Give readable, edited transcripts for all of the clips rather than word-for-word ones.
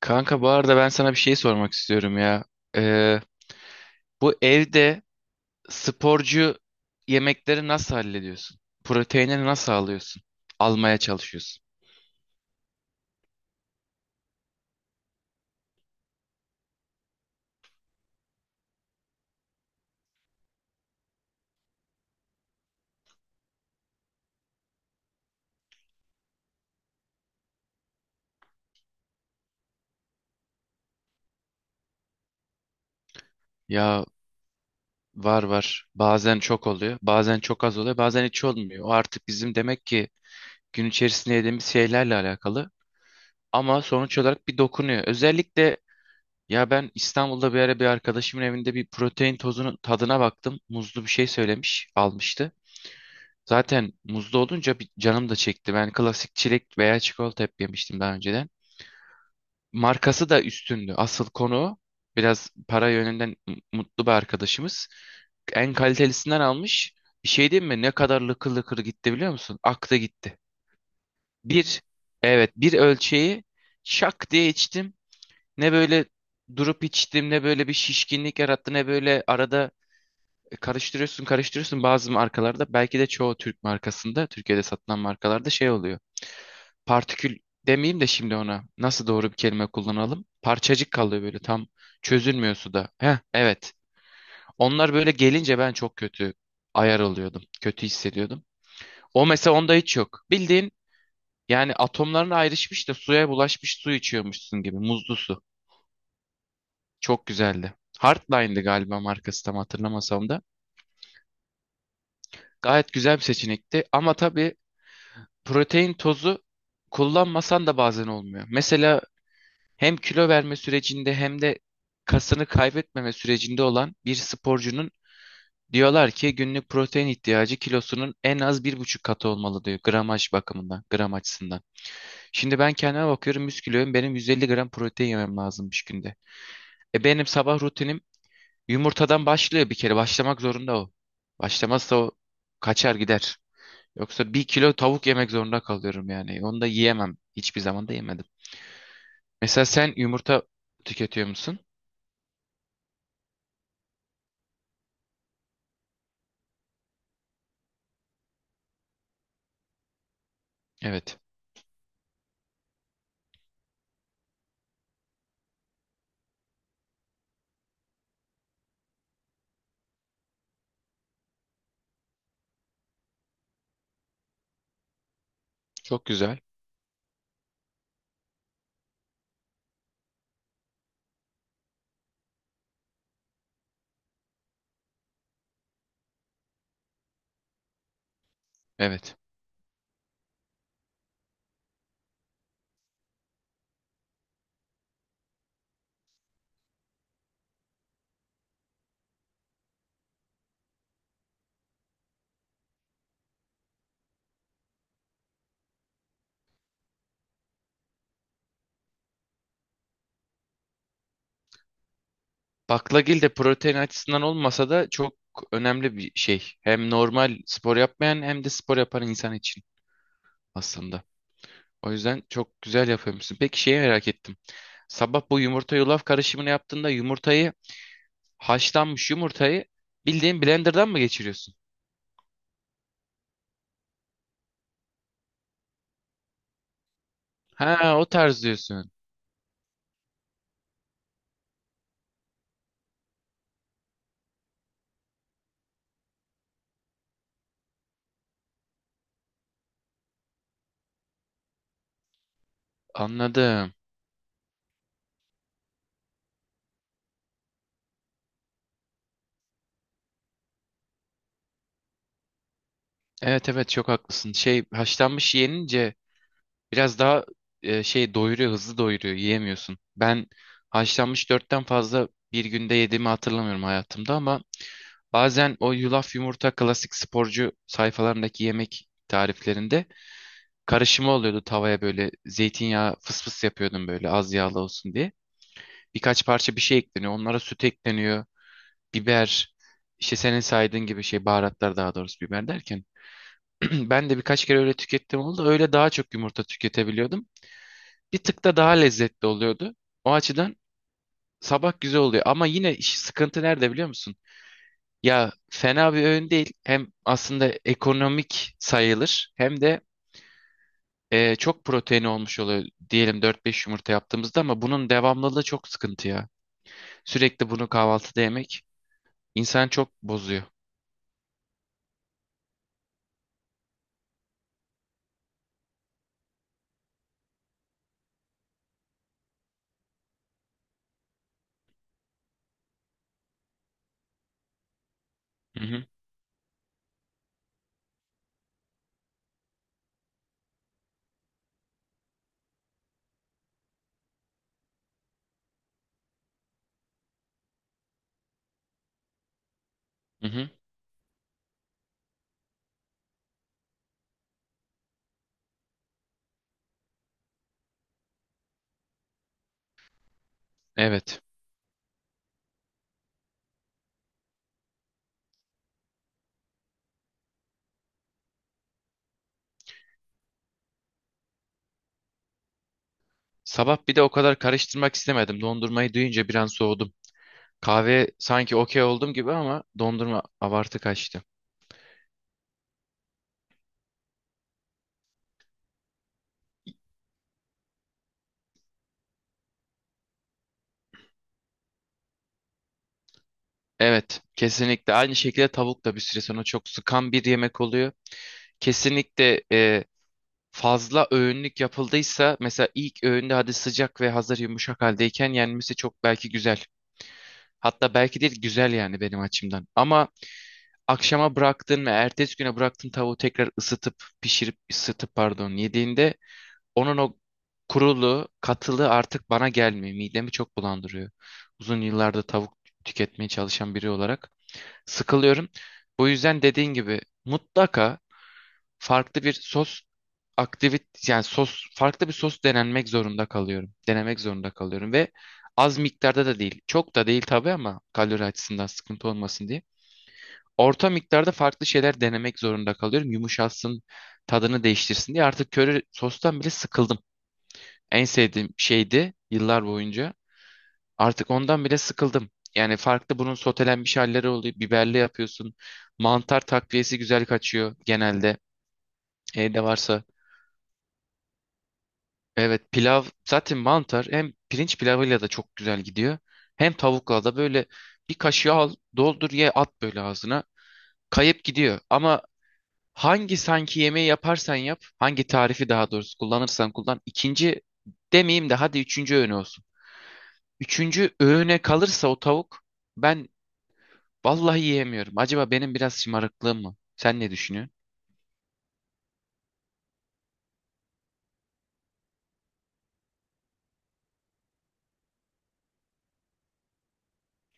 Kanka bu arada ben sana bir şey sormak istiyorum ya. Ee, bu evde sporcu yemekleri nasıl hallediyorsun? Proteinini nasıl alıyorsun? Almaya çalışıyorsun. Ya, var var. Bazen çok oluyor, bazen çok az oluyor, bazen hiç olmuyor. O artık bizim demek ki gün içerisinde yediğimiz şeylerle alakalı. Ama sonuç olarak bir dokunuyor. Özellikle ya ben İstanbul'da bir ara bir arkadaşımın evinde bir protein tozunun tadına baktım. Muzlu bir şey söylemiş, almıştı. Zaten muzlu olunca bir canım da çekti. Ben klasik çilek veya çikolata hep yemiştim daha önceden. Markası da üstündü. Asıl konu o. Biraz para yönünden mutlu bir arkadaşımız. En kalitelisinden almış. Bir şey diyeyim mi? Ne kadar lıkır lıkır gitti biliyor musun? Aklı gitti. Bir, evet, bir ölçeği şak diye içtim. Ne böyle durup içtim, ne böyle bir şişkinlik yarattı, ne böyle arada karıştırıyorsun karıştırıyorsun, bazı markalarda, belki de çoğu Türk markasında, Türkiye'de satılan markalarda şey oluyor. Partikül demeyeyim de, şimdi ona nasıl doğru bir kelime kullanalım? Parçacık kalıyor böyle, tam çözülmüyor suda. Heh, evet. Onlar böyle gelince ben çok kötü ayar oluyordum. Kötü hissediyordum. O mesela, onda hiç yok. Bildiğin yani atomların ayrışmış da suya bulaşmış, su içiyormuşsun gibi muzlu su. Çok güzeldi. Hardline'dı galiba markası, tam hatırlamasam da. Gayet güzel bir seçenekti ama tabii protein tozu kullanmasan da bazen olmuyor. Mesela hem kilo verme sürecinde, hem de kasını kaybetmeme sürecinde olan bir sporcunun diyorlar ki günlük protein ihtiyacı kilosunun en az 1,5 katı olmalı, diyor, gramaj bakımından, gram açısından. Şimdi ben kendime bakıyorum, 100 kiloyum, benim 150 gram protein yemem lazımmış günde. E benim sabah rutinim yumurtadan başlıyor, bir kere başlamak zorunda o. Başlamazsa o kaçar gider. Yoksa bir kilo tavuk yemek zorunda kalıyorum yani. Onu da yiyemem. Hiçbir zaman da yemedim. Mesela sen yumurta tüketiyor musun? Evet. Çok güzel. Evet. Baklagil de protein açısından olmasa da çok önemli bir şey. Hem normal spor yapmayan, hem de spor yapan insan için aslında. O yüzden çok güzel yapıyormuşsun. Peki şeyi merak ettim. Sabah bu yumurta yulaf karışımını yaptığında, yumurtayı, haşlanmış yumurtayı bildiğin blenderdan mı geçiriyorsun? Ha, o tarz diyorsun. Anladım. Evet evet, çok haklısın. Şey, haşlanmış yenince biraz daha şey doyuruyor, hızlı doyuruyor, yiyemiyorsun. Ben haşlanmış dörtten fazla bir günde yediğimi hatırlamıyorum hayatımda ama bazen o yulaf yumurta, klasik sporcu sayfalarındaki yemek tariflerinde karışımı oluyordu, tavaya böyle zeytinyağı fıs fıs yapıyordum böyle, az yağlı olsun diye. Birkaç parça bir şey ekleniyor. Onlara süt ekleniyor, biber, işte senin saydığın gibi şey, baharatlar daha doğrusu, biber derken. Ben de birkaç kere öyle tükettim, oldu. Öyle daha çok yumurta tüketebiliyordum. Bir tık da daha lezzetli oluyordu. O açıdan sabah güzel oluyor. Ama yine iş, sıkıntı nerede biliyor musun? Ya fena bir öğün değil. Hem aslında ekonomik sayılır, hem de çok protein olmuş oluyor. Diyelim 4-5 yumurta yaptığımızda, ama bunun devamlılığı çok sıkıntı ya. Sürekli bunu kahvaltıda yemek insan çok bozuyor. Hı hı, hı hı. Evet. Sabah bir de o kadar karıştırmak istemedim. Dondurmayı duyunca bir an soğudum. Kahve sanki okey oldum gibi ama dondurma abartı kaçtı. Evet, kesinlikle. Aynı şekilde tavuk da bir süre sonra çok sıkan bir yemek oluyor. Kesinlikle fazla öğünlük yapıldıysa, mesela ilk öğünde, hadi sıcak ve hazır yumuşak haldeyken yenmesi çok belki güzel. Hatta belki değil, güzel yani benim açımdan. Ama akşama bıraktın ve ertesi güne bıraktın tavuğu, tekrar ısıtıp, pişirip, ısıtıp pardon, yediğinde onun o kurulu katılı artık bana gelmiyor. Midemi çok bulandırıyor. Uzun yıllarda tavuk tüketmeye çalışan biri olarak sıkılıyorum. Bu yüzden dediğin gibi mutlaka farklı bir sos, aktivit yani sos farklı bir sos denenmek zorunda kalıyorum. Denemek zorunda kalıyorum ve az miktarda da değil. Çok da değil tabii, ama kalori açısından sıkıntı olmasın diye. Orta miktarda farklı şeyler denemek zorunda kalıyorum. Yumuşatsın, tadını değiştirsin diye. Artık köri sostan bile sıkıldım. En sevdiğim şeydi yıllar boyunca. Artık ondan bile sıkıldım. Yani farklı, bunun sotelenmiş halleri oluyor. Biberli yapıyorsun. Mantar takviyesi güzel kaçıyor genelde. Evde varsa. Evet, pilav zaten mantar, hem pirinç pilavıyla da çok güzel gidiyor. Hem tavukla da böyle bir kaşığı al, doldur, ye, at böyle ağzına. Kayıp gidiyor. Ama hangi sanki yemeği yaparsan yap, hangi tarifi daha doğrusu kullanırsan kullan, ikinci demeyeyim de hadi üçüncü öğün olsun. Üçüncü öğüne kalırsa o tavuk, ben vallahi yiyemiyorum. Acaba benim biraz şımarıklığım mı? Sen ne düşünüyorsun?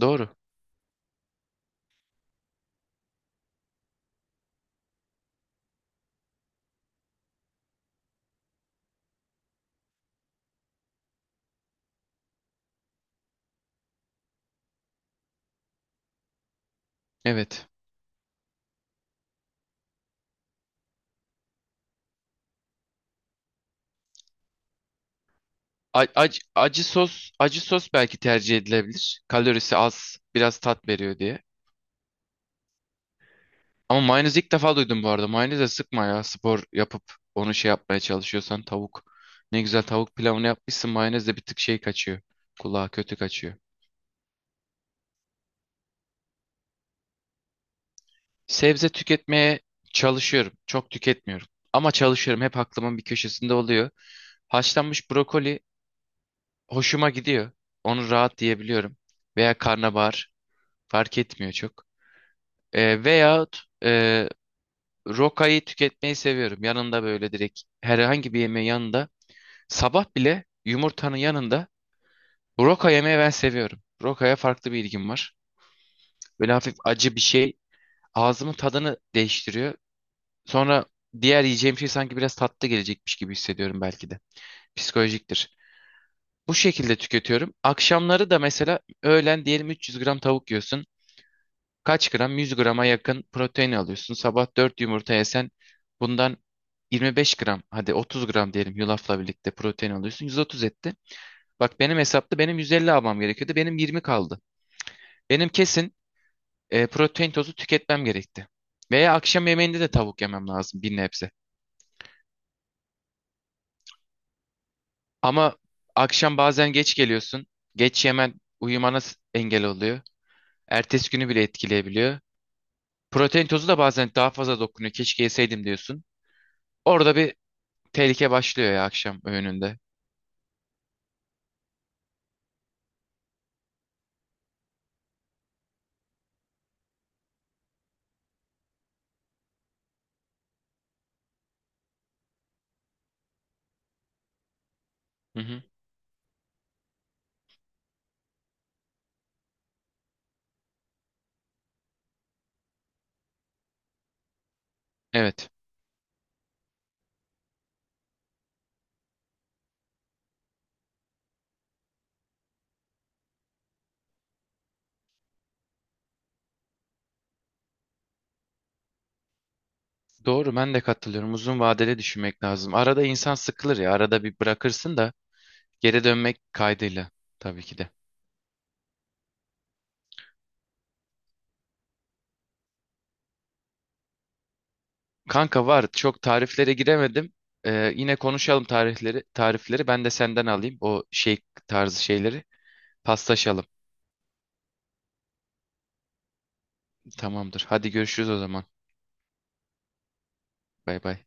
Doğru. Evet. Acı sos, acı sos belki tercih edilebilir. Kalorisi az, biraz tat veriyor diye. Ama mayonez ilk defa duydum bu arada. Mayoneze sıkma ya. Spor yapıp onu şey yapmaya çalışıyorsan tavuk. Ne güzel tavuk pilavını yapmışsın. Mayonez de bir tık şey kaçıyor. Kulağa kötü kaçıyor. Sebze tüketmeye çalışıyorum. Çok tüketmiyorum. Ama çalışıyorum. Hep aklımın bir köşesinde oluyor. Haşlanmış brokoli hoşuma gidiyor. Onu rahat diyebiliyorum. Veya karnabahar, fark etmiyor çok. Veyahut rokayı tüketmeyi seviyorum. Yanında böyle, direkt herhangi bir yemeğin yanında. Sabah bile yumurtanın yanında roka yemeyi ben seviyorum. Rokaya farklı bir ilgim var. Böyle hafif acı bir şey ağzımın tadını değiştiriyor. Sonra diğer yiyeceğim şey sanki biraz tatlı gelecekmiş gibi hissediyorum belki de. Psikolojiktir. Bu şekilde tüketiyorum. Akşamları da mesela, öğlen diyelim 300 gram tavuk yiyorsun. Kaç gram? 100 grama yakın protein alıyorsun. Sabah 4 yumurta yesen bundan 25 gram, hadi 30 gram diyelim, yulafla birlikte protein alıyorsun. 130 etti. Bak, benim hesapta benim 150 almam gerekiyordu. Benim 20 kaldı. Benim kesin protein tozu tüketmem gerekti. Veya akşam yemeğinde de tavuk yemem lazım bir nebze. Ama akşam bazen geç geliyorsun. Geç yemen uyumana engel oluyor. Ertesi günü bile etkileyebiliyor. Protein tozu da bazen daha fazla dokunuyor. Keşke yeseydim diyorsun. Orada bir tehlike başlıyor ya, akşam öğününde. Hı hı. Evet. Doğru, ben de katılıyorum. Uzun vadeli düşünmek lazım. Arada insan sıkılır ya. Arada bir bırakırsın da, geri dönmek kaydıyla tabii ki de. Kanka var. Çok tariflere giremedim. Yine konuşalım tarihleri, tarifleri. Ben de senden alayım o şey tarzı şeyleri. Paslaşalım. Tamamdır. Hadi görüşürüz o zaman. Bay bay.